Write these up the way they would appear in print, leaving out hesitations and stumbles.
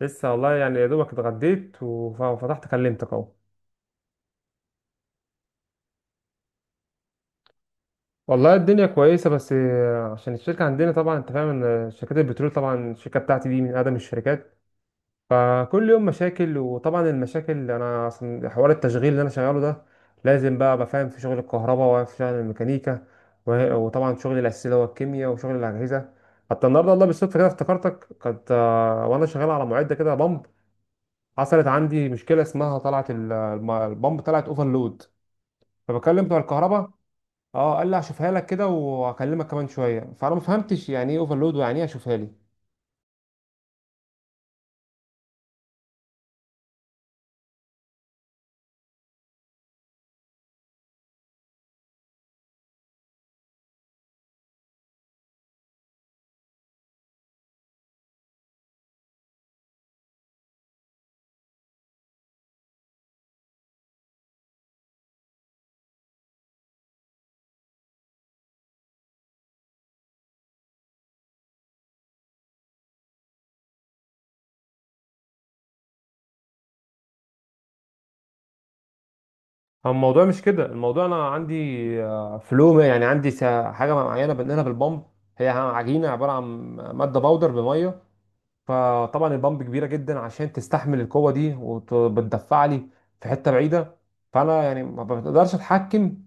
لسه والله يعني يا دوبك اتغديت وفتحت كلمتك اهو. والله الدنيا كويسة، بس عشان الشركة عندنا طبعا انت فاهم ان شركات البترول، طبعا الشركة بتاعتي دي من اقدم الشركات، فكل يوم مشاكل. وطبعا المشاكل، انا اصلا حوار التشغيل اللي انا شغاله ده لازم بقى ابقى فاهم في شغل الكهرباء وفي شغل الميكانيكا، وطبعا شغل الاساسي اللي هو الكيمياء وشغل الاجهزة. حتى النهارده والله بالصدفة كده افتكرتك، كنت وانا شغال على معدة كده بمب، حصلت عندي مشكلة اسمها طلعت البمب طلعت اوفرلود. فبكلم بتوع الكهرباء. اه، قال لي هشوفها لك كده وهكلمك كمان شويه، فانا ما فهمتش يعني ايه اوفرلود ويعني ايه هشوفها لي. هو الموضوع مش كده، الموضوع انا عندي فلو يعني عندي حاجه معينه بنقلها بالبامب، هي عجينه عباره عن ماده باودر بميه، فطبعا البامب كبيره جدا عشان تستحمل القوه دي وبتدفع لي في حته بعيده. فانا يعني ما بقدرش اتحكم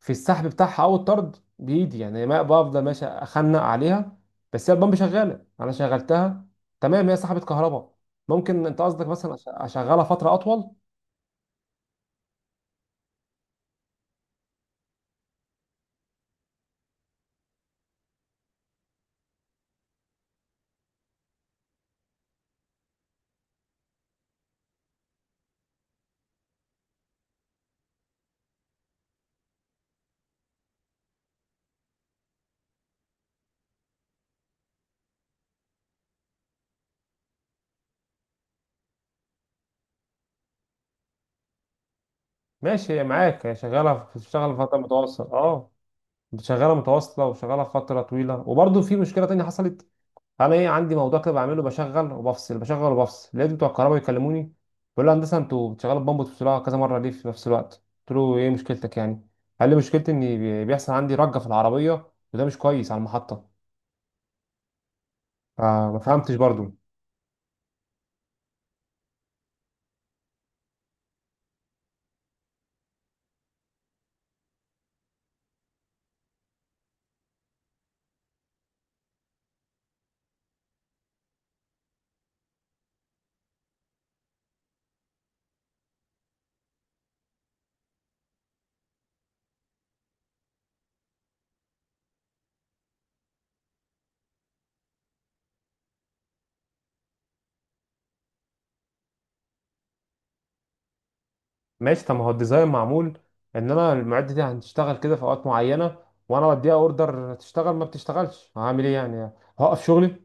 في السحب بتاعها او الطرد بايدي، يعني ما بفضل ماشي اخنق عليها. بس هي البامب شغاله، انا شغلتها تمام، هي سحبت كهرباء. ممكن انت قصدك مثلا اشغلها فتره اطول. ماشي، هي معاك، هي شغاله بتشتغل فتره متواصله، اه. شغاله متواصله وشغاله فتره طويله، وبرضه في مشكله تانية حصلت. انا ايه، عندي موضوع كده بعمله، بشغل وبفصل بشغل وبفصل، لقيت بتوع الكهرباء بيكلموني. بيقول لي هندسه، انتوا بتشغلوا البامب وتفصلوها كذا مره ليه في نفس الوقت؟ قلت له ايه مشكلتك يعني؟ قال لي مشكلتي ان بيحصل عندي رجه في العربيه وده مش كويس على المحطه. فما فهمتش برضو. ماشي، طب ما هو الديزاين معمول ان انا المعده دي هتشتغل كده في اوقات معينه، وانا بديها اوردر تشتغل ما بتشتغلش هعمل ايه يعني؟ هوقف شغلي؟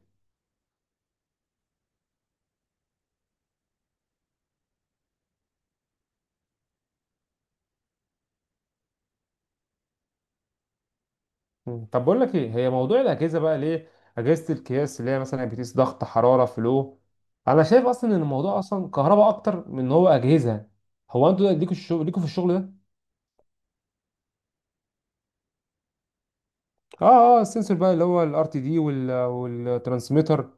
مم. طب بقول لك ايه، هي موضوع الاجهزه بقى ليه، اجهزه القياس اللي هي مثلا بتقيس ضغط حراره، فلو انا شايف اصلا ان الموضوع اصلا كهرباء اكتر من ان هو اجهزه، هو انتوا ليكوا الشغل، ليكوا في الشغل ده؟ اه، اه، السنسور بقى اللي هو الـRTD والترانسميتر،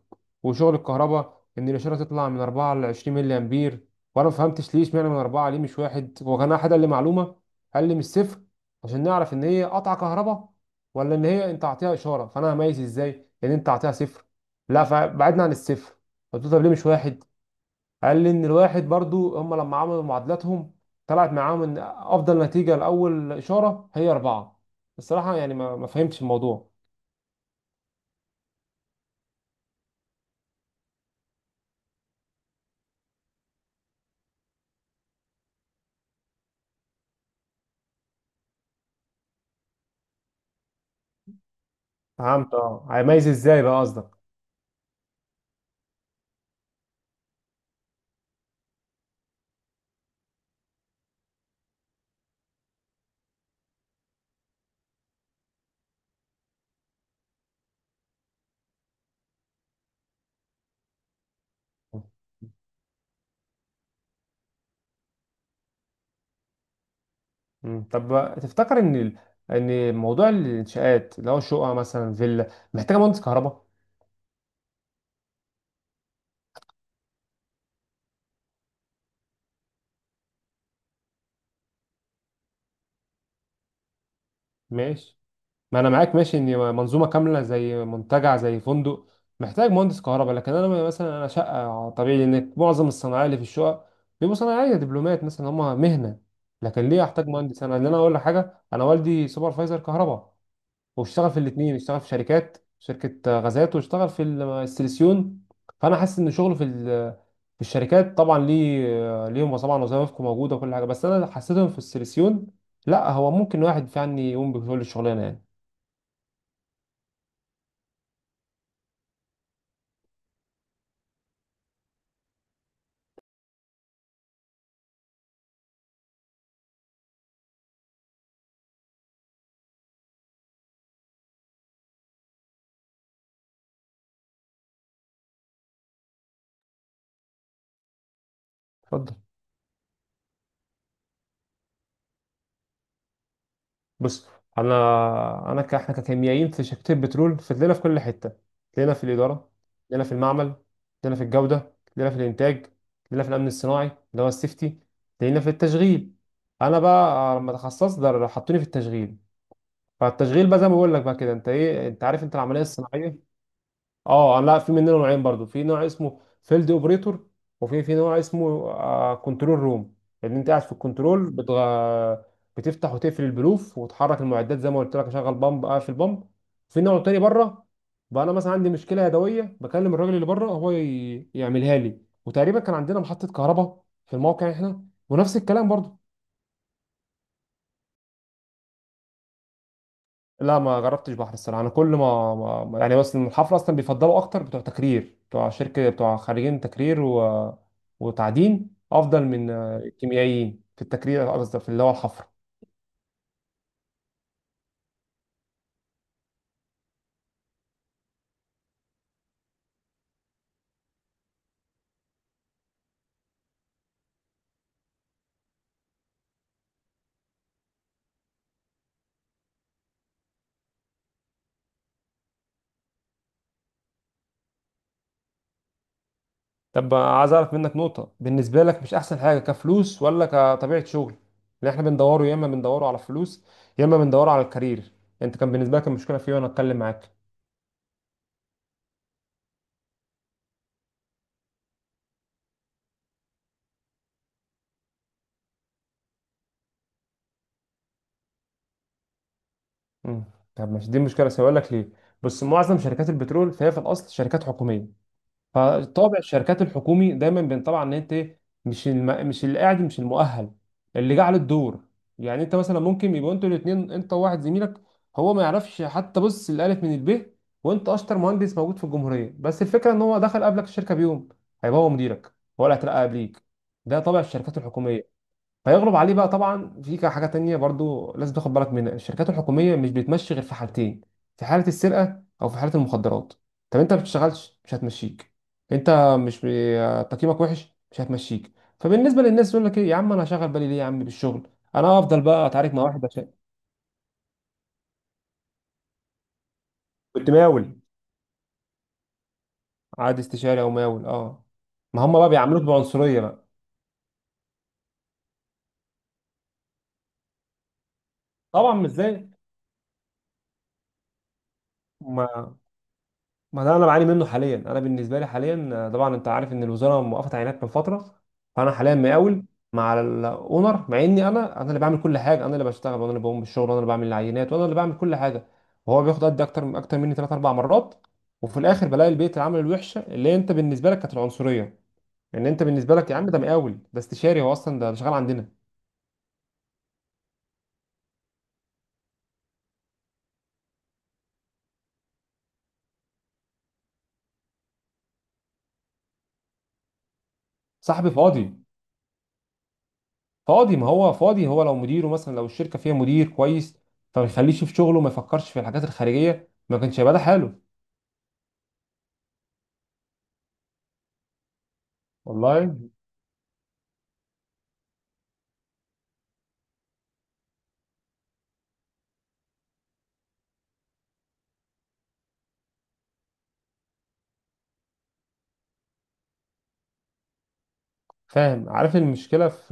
وشغل الكهرباء ان الاشاره تطلع من 4 ل 20 ملي امبير. وانا ما فهمتش ليه اشمعنى من 4، ليه مش واحد؟ هو كان احد قال لي معلومه، قال لي من الصفر عشان نعرف ان هي قطع كهرباء ولا ان هي انت اعطيها اشاره، فانا هميز ازاي ان انت اعطيها صفر؟ لا، فبعدنا عن الصفر. قلت له طب ليه مش واحد؟ قال لي ان الواحد برضو هم لما عملوا معادلاتهم طلعت معاهم ان افضل نتيجه لاول اشاره هي 4. الصراحه يعني ما فهمتش الموضوع. فهمت، اه، هيميز ازاي بقى قصدك. مم. طب تفتكر ان ان موضوع الانشاءات اللي هو شقه مثلا فيلا محتاجه مهندس كهرباء؟ ماشي، ما انا معاك ماشي ان منظومه كامله زي منتجع زي فندق محتاج مهندس كهرباء، لكن انا مثلا انا شقه، طبيعي ان معظم الصناعيه اللي في الشقه بيبقوا صناعيه دبلومات مثلا، هم مهنه. لكن ليه احتاج مهندس؟ انا، ان انا اقول لك حاجه، انا والدي سوبرفايزر كهرباء، واشتغل في الاثنين، اشتغل في شركات شركة غازات، واشتغل في السيليسيون. فانا حاسس ان شغله في في الشركات طبعا ليه، ليهم طبعا وظائفكم موجودة وكل حاجة، بس انا حسيتهم في السيليسيون، لا هو ممكن واحد فعلا يقوم بكل الشغلانة يعني. اتفضل. بص، احنا ككيميائيين في شركه البترول فتلاقينا في كل حته، تلاقينا في الاداره، تلاقينا في المعمل، تلاقينا في الجوده، تلاقينا في الانتاج، تلاقينا في الامن الصناعي اللي هو السيفتي، تلاقينا في التشغيل. انا بقى لما تخصصت ده حطوني في التشغيل. فالتشغيل بقى زي ما بقول لك بقى كده، انت ايه، انت عارف انت العمليه الصناعيه. اه، لا، في منه نوعين برضو، في نوع اسمه فيلد اوبريتور، وفي نوع اسمه كنترول روم، ان انت قاعد في الكنترول بتفتح وتقفل البلوف وتحرك المعدات زي ما قلت لك، اشغل بامب، اقفل بامب. في نوع تاني بره، بقى انا مثلا عندي مشكله يدويه بكلم الراجل اللي بره، هو يعملها لي. وتقريبا كان عندنا محطه كهرباء في الموقع احنا ونفس الكلام برضو. لا، ما جربتش بحر الصراحه، انا كل ما, ما ما- يعني بس الحفله اصلا بيفضلوا اكتر بتوع تكرير بتوع شركه بتوع خريجين تكرير وتعدين، افضل من الكيميائيين في التكرير، قصدي في اللي هو الحفر. طب عايز اعرف منك نقطه، بالنسبه لك مش احسن حاجه كفلوس ولا كطبيعه شغل؟ اللي احنا بندوره، يا اما بندوره على الفلوس، يا اما بندوره على الكارير. انت كان بالنسبه لك المشكله في إيه وانا اتكلم معاك؟ مم. طب مش دي مشكله، سؤالك ليه بس معظم شركات البترول، فهي في الاصل شركات حكوميه، فطابع الشركات الحكومي دايما بينطبع ان انت مش اللي قاعد، مش المؤهل، اللي جه على الدور. يعني انت مثلا ممكن يبقوا انتوا الاثنين، انت وواحد زميلك، هو ما يعرفش حتى بص الالف من الب، وانت اشطر مهندس موجود في الجمهوريه، بس الفكره ان هو دخل قبلك الشركه بيوم، هيبقى هو مديرك ولا هترقى قبليك. ده طابع الشركات الحكوميه فيغلب عليه بقى. طبعا في حاجه تانية برضو لازم تاخد بالك منها، الشركات الحكوميه مش بتمشي غير في حالتين، في حاله السرقه او في حاله المخدرات. طب انت ما بتشتغلش مش هتمشيك، انت مش تقييمك وحش مش هتمشيك. فبالنسبه للناس يقول لك ايه يا عم، انا هشغل بالي ليه يا عم بالشغل، انا افضل بقى اتعارك مع واحد عشان. كنت مقاول. عاد استشاري او مقاول، اه، ما هم بقى بيعاملوك بعنصريه بقى، طبعا مش زي. ما ما ده انا بعاني منه حاليا، انا بالنسبه لي حاليا طبعا انت عارف ان الوزاره موقفه عينات من فتره، فانا حاليا مقاول مع الاونر، مع اني انا اللي بعمل كل حاجه، انا اللي بشتغل، وانا اللي بقوم بالشغل، وانا اللي بعمل العينات، وانا اللي بعمل كل حاجه، وهو بياخد قد اكتر اكتر مني 3 4 مرات. وفي الاخر بلاقي البيئه العمل الوحشه اللي انت بالنسبه لك كانت العنصريه، ان انت بالنسبه لك يا عم ده مقاول، ده استشاري، هو اصلا ده شغال عندنا. صاحبي فاضي فاضي، ما هو فاضي، هو لو مديره مثلا، لو الشركه فيها مدير كويس فما يخليش في شغله، ما يفكرش في الحاجات الخارجيه، ما كانش هيبقى ده حاله. والله. فاهم. عارف المشكله في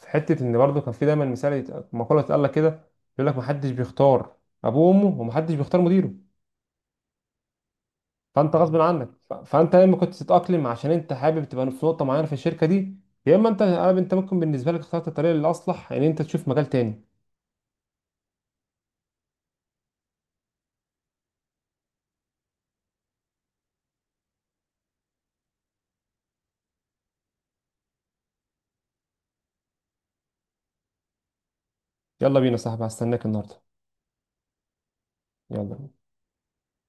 في حته، ان برضه كان في دايما مثال، مقوله اتقال لك كده، يقول لك ما حدش بيختار ابوه وامه، وما حدش بيختار مديره، فانت غصب عنك، فانت يا اما كنت تتاقلم عشان انت حابب تبقى في نقطه معينه في الشركه دي، يا اما انت ممكن بالنسبه لك اخترت الطريقه الاصلح ان انت تشوف مجال تاني. يلا بينا يا صاحبي، هستناك النهارده. يلا بينا.